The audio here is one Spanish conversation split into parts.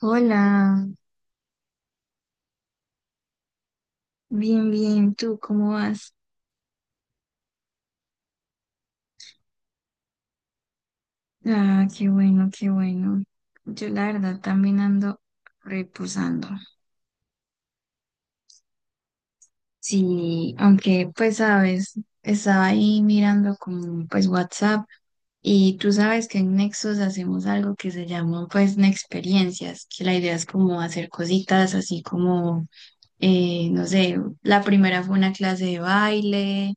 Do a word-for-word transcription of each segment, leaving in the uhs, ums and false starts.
Hola, bien, bien, ¿tú cómo vas? Ah, qué bueno, qué bueno. Yo la verdad también ando reposando. Sí, aunque pues sabes, estaba ahí mirando con pues WhatsApp y tú sabes que en Nexos hacemos algo que se llama pues Nexperiencias, que la idea es como hacer cositas así como, eh, no sé, la primera fue una clase de baile,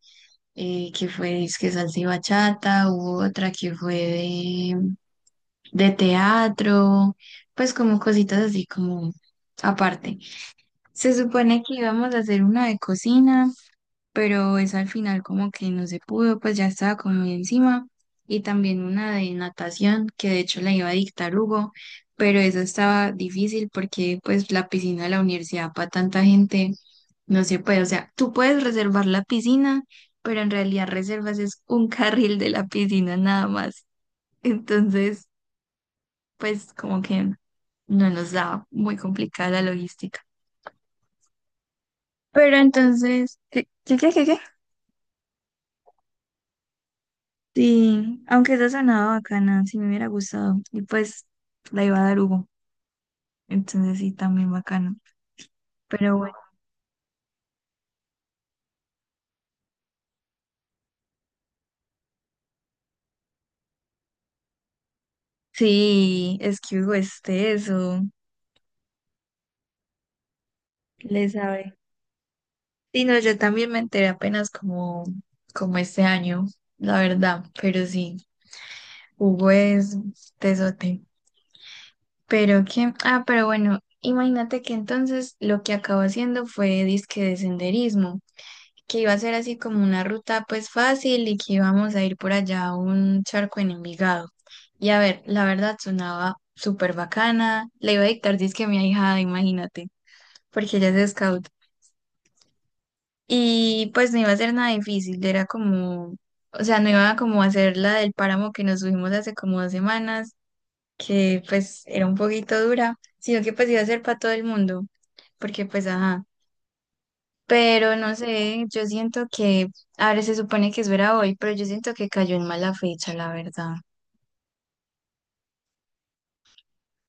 eh, que fue es que salsa y bachata, hubo otra que fue de teatro, pues como cositas así como aparte. Se supone que íbamos a hacer una de cocina, pero eso al final como que no se pudo, pues ya estaba como muy encima. Y también una de natación, que de hecho la iba a dictar Hugo, pero eso estaba difícil porque pues la piscina de la universidad para tanta gente no se puede. O sea, tú puedes reservar la piscina, pero en realidad reservas es un carril de la piscina nada más. Entonces pues como que no nos da muy complicada la logística. Pero entonces, ¿qué, qué, qué, qué? qué? Sí, aunque esa sonaba bacana, sí me hubiera gustado. Y pues la iba a dar Hugo, entonces sí, también bacana. Pero bueno, sí, es que Hugo es teso, le sabe. Sí, no, yo también me enteré apenas como, como este año, la verdad, pero sí, Hugo es tesote. Pero que, ah, pero bueno, imagínate que entonces lo que acabó haciendo fue disque de senderismo, que iba a ser así como una ruta pues fácil y que íbamos a ir por allá a un charco en Envigado. Y a ver, la verdad sonaba súper bacana, le iba a dictar disque a mi ahijada, imagínate, porque ella es scout. Y pues no iba a ser nada difícil, era como, o sea, no iba como a hacer la del páramo que nos subimos hace como dos semanas que pues era un poquito dura, sino que pues iba a ser para todo el mundo, porque pues ajá, pero no sé, yo siento que, a ver, se supone que eso era hoy, pero yo siento que cayó en mala fecha, la verdad.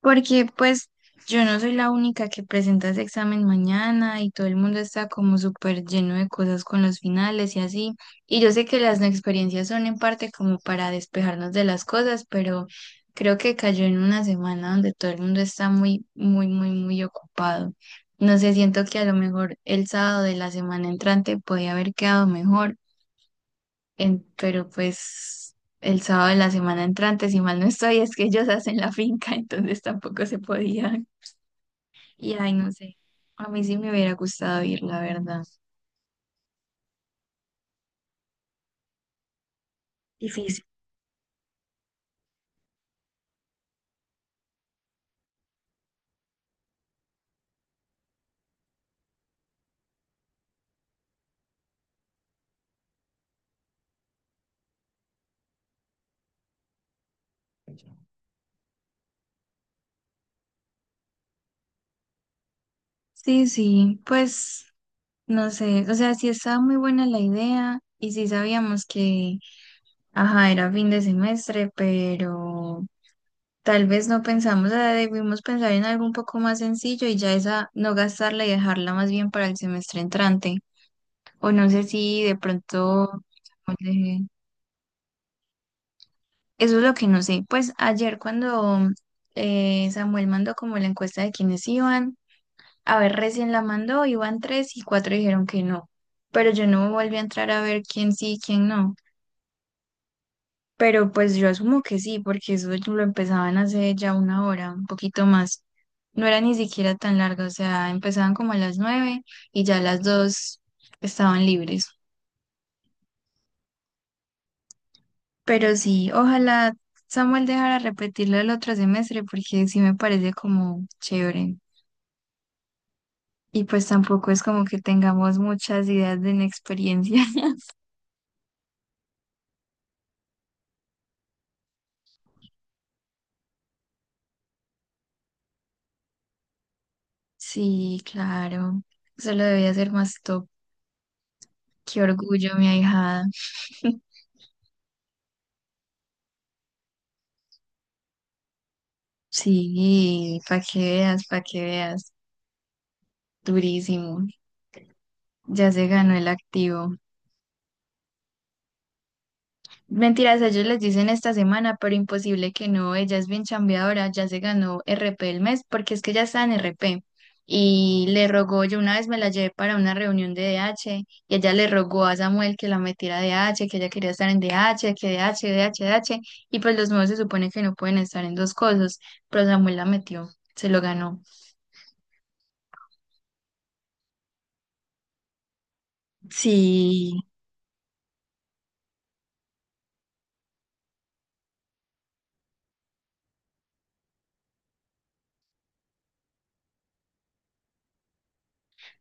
Porque pues yo no soy la única que presenta ese examen mañana y todo el mundo está como súper lleno de cosas con los finales y así. Y yo sé que las no experiencias son en parte como para despejarnos de las cosas, pero creo que cayó en una semana donde todo el mundo está muy, muy, muy, muy ocupado. No sé, siento que a lo mejor el sábado de la semana entrante podía haber quedado mejor en- pero pues el sábado de la semana entrante, si mal no estoy, es que ellos hacen la finca, entonces tampoco se podía. Y ay, no sé, a mí sí me hubiera gustado ir, la verdad. Difícil. Sí, sí, pues no sé, o sea, sí estaba muy buena la idea y sí sabíamos que, ajá, era fin de semestre, pero tal vez no pensamos, o sea, debimos pensar en algo un poco más sencillo y ya esa no gastarla y dejarla más bien para el semestre entrante. O no sé si de pronto Samuel, eh, eso es lo que no sé. Pues ayer cuando eh, Samuel mandó como la encuesta de quiénes iban, a ver, recién la mandó, iban tres y cuatro dijeron que no. Pero yo no volví a entrar a ver quién sí y quién no. Pero pues yo asumo que sí, porque eso lo empezaban hace ya una hora, un poquito más. No era ni siquiera tan largo, o sea, empezaban como a las nueve y ya a las dos estaban libres. Pero sí, ojalá Samuel dejara repetirlo el otro semestre porque sí me parece como chévere. Y pues tampoco es como que tengamos muchas ideas de inexperiencia. Sí, claro. Eso lo debía ser más top. Qué orgullo, mi ahijada. Sí, para que veas, para que veas. Durísimo. Ya se ganó el activo. Mentiras, ellos les dicen esta semana, pero imposible que no, ella es bien chambeadora, ya se ganó R P el mes, porque es que ya está en R P. Y le rogó, yo una vez me la llevé para una reunión de D H, y ella le rogó a Samuel que la metiera a D H, que ella quería estar en D H, que D H, D H, D H, y pues los nuevos se supone que no pueden estar en dos cosas, pero Samuel la metió, se lo ganó. Sí.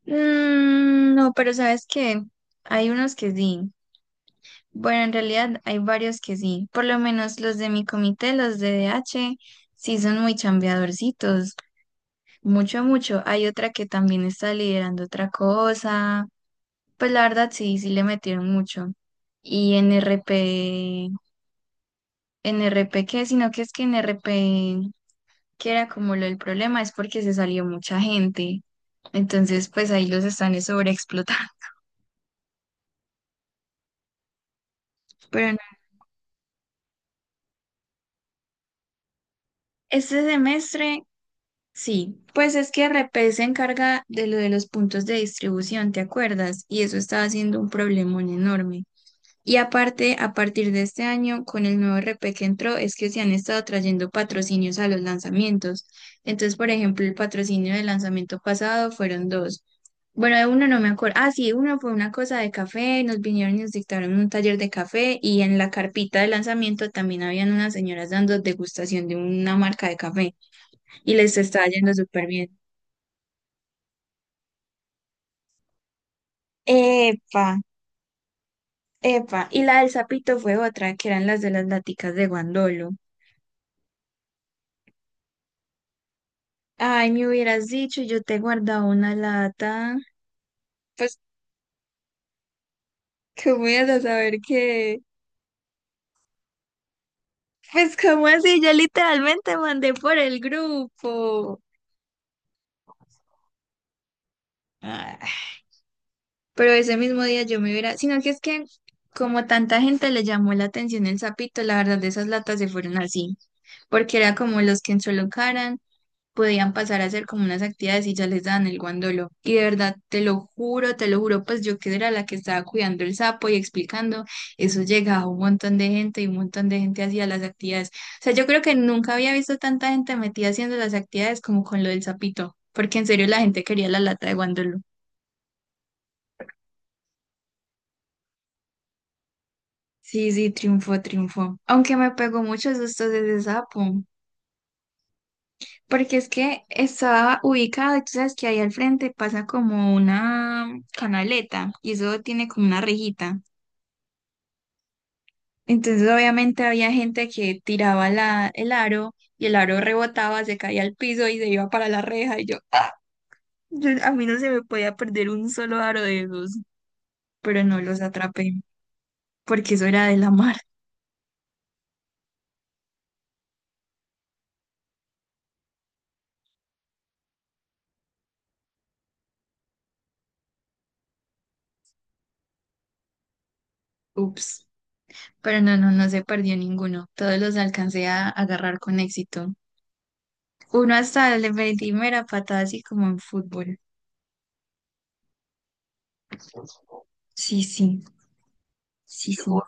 Mm, no, pero ¿sabes qué? Hay unos que sí. Bueno, en realidad hay varios que sí, por lo menos los de mi comité, los de D H, sí son muy chambeadorcitos, mucho, mucho. Hay otra que también está liderando otra cosa, pues la verdad sí, sí le metieron mucho. Y en R P, en R P qué, sino que es que en R P que era como lo del problema, es porque se salió mucha gente. Entonces, pues ahí los están sobreexplotando. Pero no. Este semestre sí, pues es que R P se encarga de lo de los puntos de distribución, ¿te acuerdas? Y eso estaba siendo un problemón enorme. Y aparte, a partir de este año, con el nuevo R P que entró, es que se han estado trayendo patrocinios a los lanzamientos. Entonces, por ejemplo, el patrocinio del lanzamiento pasado fueron dos. Bueno, de uno no me acuerdo. Ah, sí, uno fue una cosa de café, nos vinieron y nos dictaron un taller de café y en la carpita de lanzamiento también habían unas señoras dando degustación de una marca de café y les está yendo súper bien. Epa, epa. Y la del sapito fue otra, que eran las de las laticas de guandolo. Ay, me hubieras dicho, yo te he guardado una lata. Pues, ¿cómo ibas a saber qué? Pues, ¿cómo así? Yo literalmente mandé por el grupo. Ah, pero ese mismo día yo me hubiera... Sino que es que, como tanta gente le llamó la atención el sapito, la verdad, de esas latas se fueron así. Porque era como los que en podían pasar a hacer como unas actividades y ya les daban el guandolo. Y de verdad, te lo juro, te lo juro, pues yo que era la que estaba cuidando el sapo y explicando, eso llegaba un montón de gente y un montón de gente hacía las actividades. O sea, yo creo que nunca había visto tanta gente metida haciendo las actividades como con lo del sapito, porque en serio la gente quería la lata de guandolo. Sí, sí, triunfó, triunfó. Aunque me pegó muchos sustos ese sapo. Porque es que está ubicado y tú sabes que ahí al frente pasa como una canaleta y eso tiene como una rejita. Entonces obviamente había gente que tiraba la, el aro y el aro rebotaba, se caía al piso y se iba para la reja y yo, ¡ah! Yo- a mí no se me podía perder un solo aro de esos, pero no los atrapé porque eso era de la mar. Ups. Pero no, no, no se perdió ninguno. Todos los alcancé a agarrar con éxito. Uno hasta le metí mera patada así como en fútbol. Sí, sí, sí, sí, fútbol.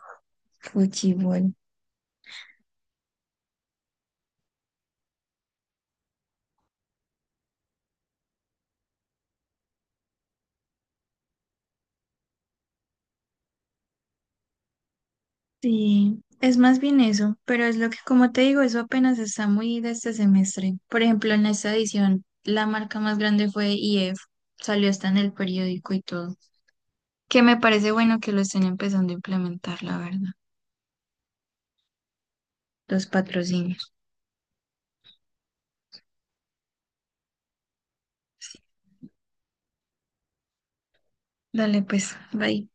Sí, es más bien eso, pero es lo que, como te digo, eso apenas está muy de este semestre. Por ejemplo, en esta edición, la marca más grande fue I F, salió hasta en el periódico y todo, que me parece bueno que lo estén empezando a implementar, la verdad, los patrocinios. Sí. Dale, pues, bye.